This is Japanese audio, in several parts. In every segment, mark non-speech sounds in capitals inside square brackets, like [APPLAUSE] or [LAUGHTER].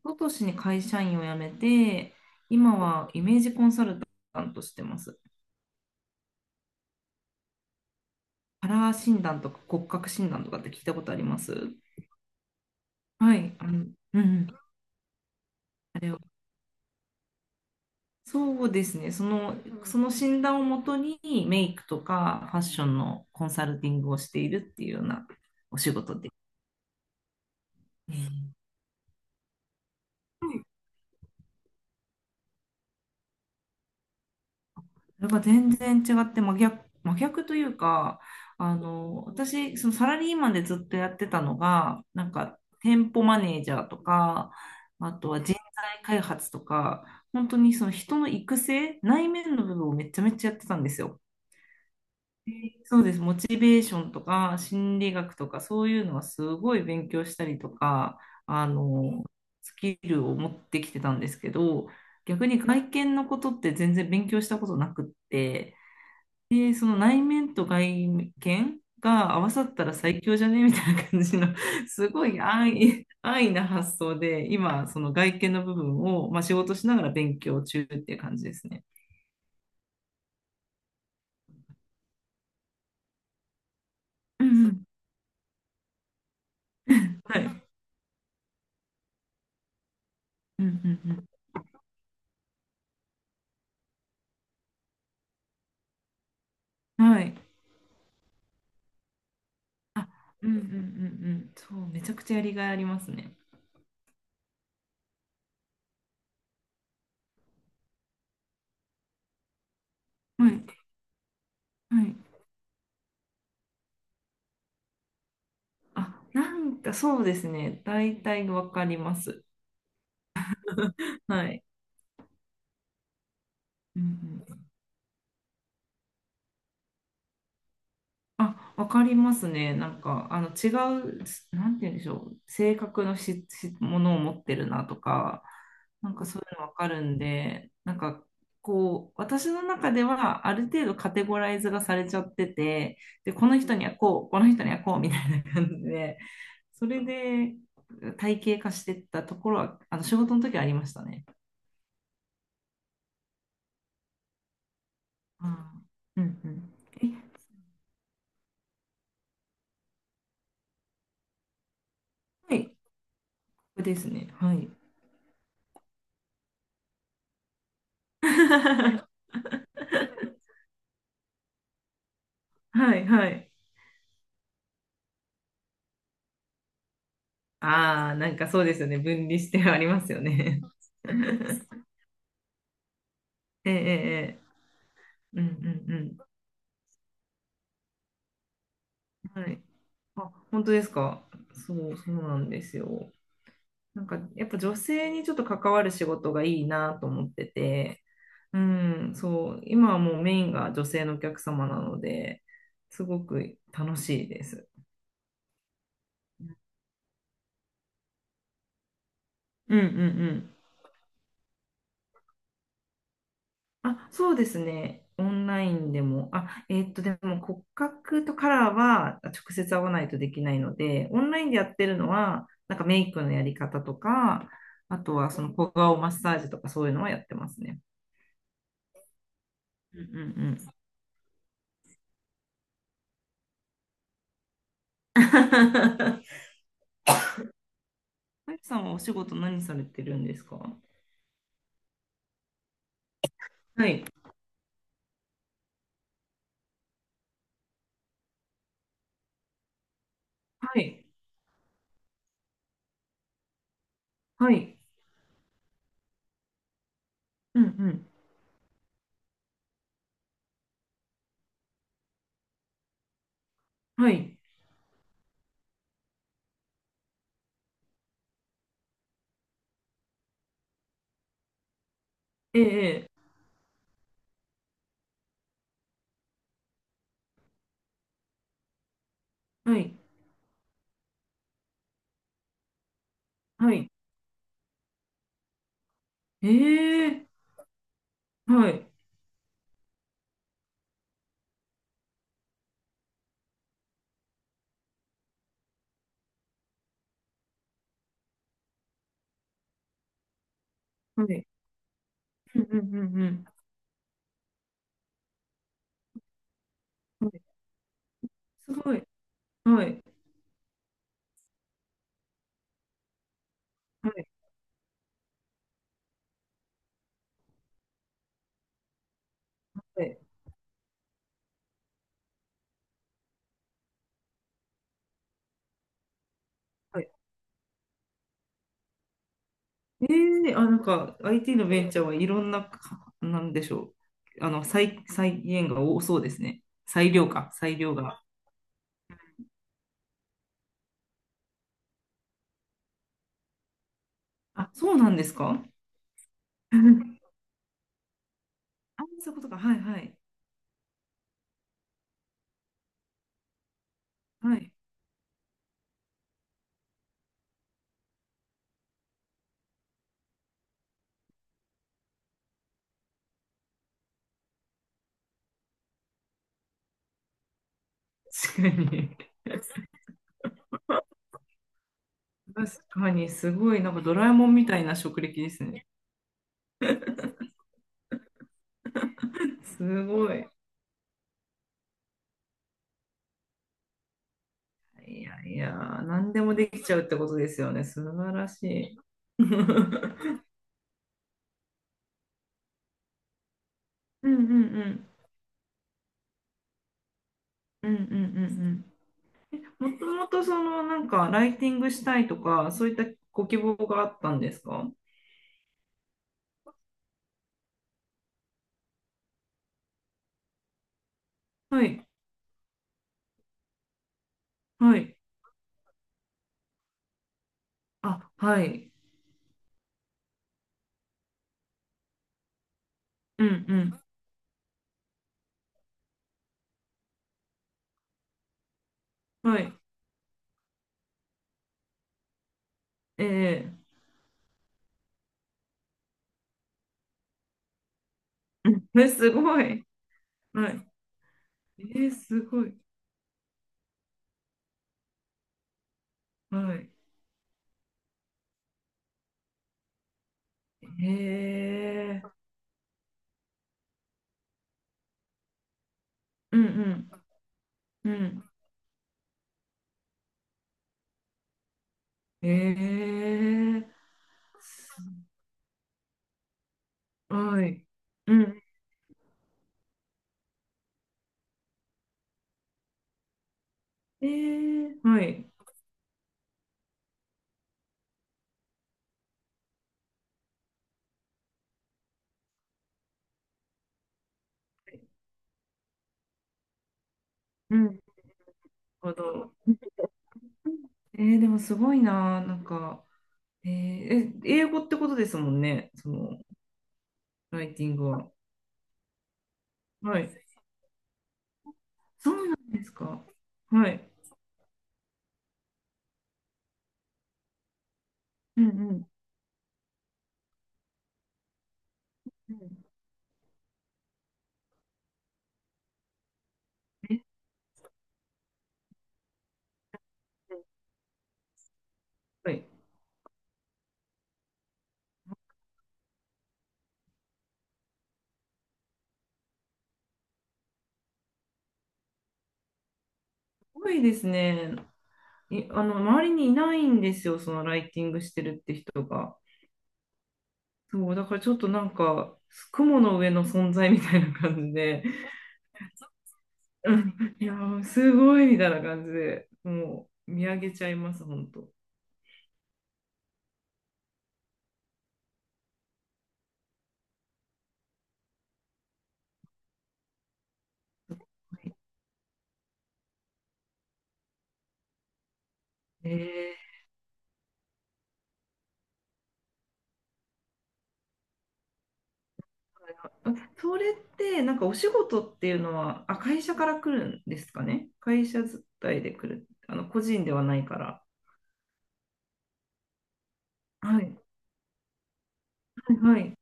一昨年に会社員を辞めて、今はイメージコンサルタントしてます。カラー診断とか骨格診断とかって聞いたことあります？はい、うん、あれを。そうですね、その診断をもとにメイクとかファッションのコンサルティングをしているっていうようなお仕事で。それが全然違って真逆というか、私、そのサラリーマンでずっとやってたのが、なんか、店舗マネージャーとか、あとは人材開発とか、本当にその人の育成、内面の部分をめちゃめちゃやってたんですよ。そうです。モチベーションとか、心理学とか、そういうのはすごい勉強したりとか、あの、スキルを持ってきてたんですけど、逆に外見のことって全然勉強したことなくって、で、その内面と外見が合わさったら最強じゃねみたいな感じの、[LAUGHS] すごい安易な発想で、今、その外見の部分を、まあ、仕事しながら勉強中っていう感じですね。うんうん、はい。うんうんうん。はい。うんうんうんうん。そう、めちゃくちゃやりがいありますね。はい。はい。あ、なんかそうですね。大体わかります。[LAUGHS] はい。うんうん、あ、わかりますね。なんか、違う、なんて言うんでしょう。性格のものを持ってるなとか、なんかそういうのわかるんで、なんか、こう、私の中では、ある程度カテゴライズがされちゃってて、で、この人にはこう、この人にはこう、みたいな感じで、それで体系化してったところは、仕事の時はありましたね。あー、うんうん。え、はい、これですね。はい。[LAUGHS] はい、はい。ああ、なんかそうですよね。分離してありますよね。[LAUGHS] ええ、[LAUGHS] ええ、ええ、うんうんうん。はい。あ、本当ですか？そう、そうなんですよ。なんか、やっぱ女性にちょっと関わる仕事がいいなと思ってて、うん、そう、今はもうメインが女性のお客様なので、すごく楽しいです。うんうんうん。あ、そうですね。オンラインでも。あ、でも骨格とカラーは直接合わないとできないので、オンラインでやってるのは、なんかメイクのやり方とか、あとはその小顔マッサージとかそういうのはやってますね。うんうんうん。[LAUGHS] マイクさんはお仕事何されてるんですか？はい。はい。はい。うんうん。はい。ええ。ええ、はい。はい。ええ。はい。はい。うんうんうんうん。はい、すごい。はい。はいはい。はい、えー、あ、なんか IT のベンチャーはいろんなか、なんでしょう。再現が多そうですね。裁量が。あ、そうなんですか？ [LAUGHS] あ、そういうことか。はいはい。はい。確かに。確かに、すごい、なんかドラえもんみたいな職歴ですね。すごい。いやいや、何でもできちゃうってことですよね。素晴らしい。[LAUGHS] うんうんうん。うんうんうんうん。もともとそのなんかライティングしたいとか、そういったご希望があったんですか？はい、はい。あ、はい。うん、うん。はい。ええ、うん、え、[LAUGHS] すごい。はい。ええ、すごい。はい。へえ。うん、うん、うん。ええ。すはい。うん。ええ、はい。うん。なるほど。ええ、でもすごいな、なんか。ええ、英語ってことですもんね。そのライティングは。はい。そうなんですか？はい。うんうんうん、えはい。多いですね。周りにいないんですよ、そのライティングしてるって人が。そう、だからちょっとなんか、雲の上の存在みたいな感じで、うん、いやー、すごいみたいな感じで、もう見上げちゃいます、本当。えー、あ、それってなんかお仕事っていうのは、あ、会社から来るんですかね。会社伝いで来る。個人ではないから。はい、はい、はい。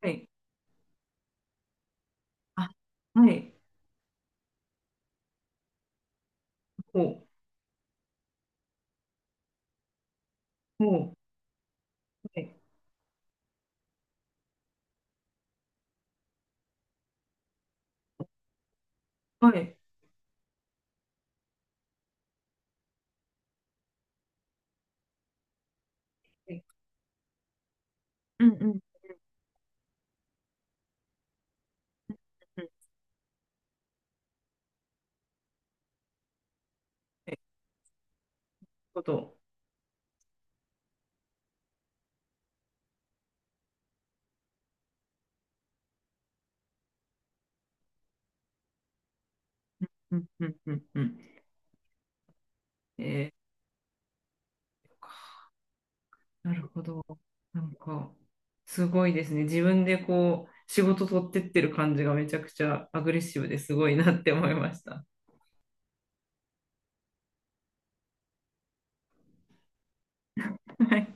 はい、あ、はい。ほう、ほう、はい、はい。はい、うんうんうん。はい、こと。うんうんうんうん。うん、えー、なるほど。なんか、すごいですね。自分でこう、仕事取ってってる感じがめちゃくちゃアグレッシブですごいなって思いました。はい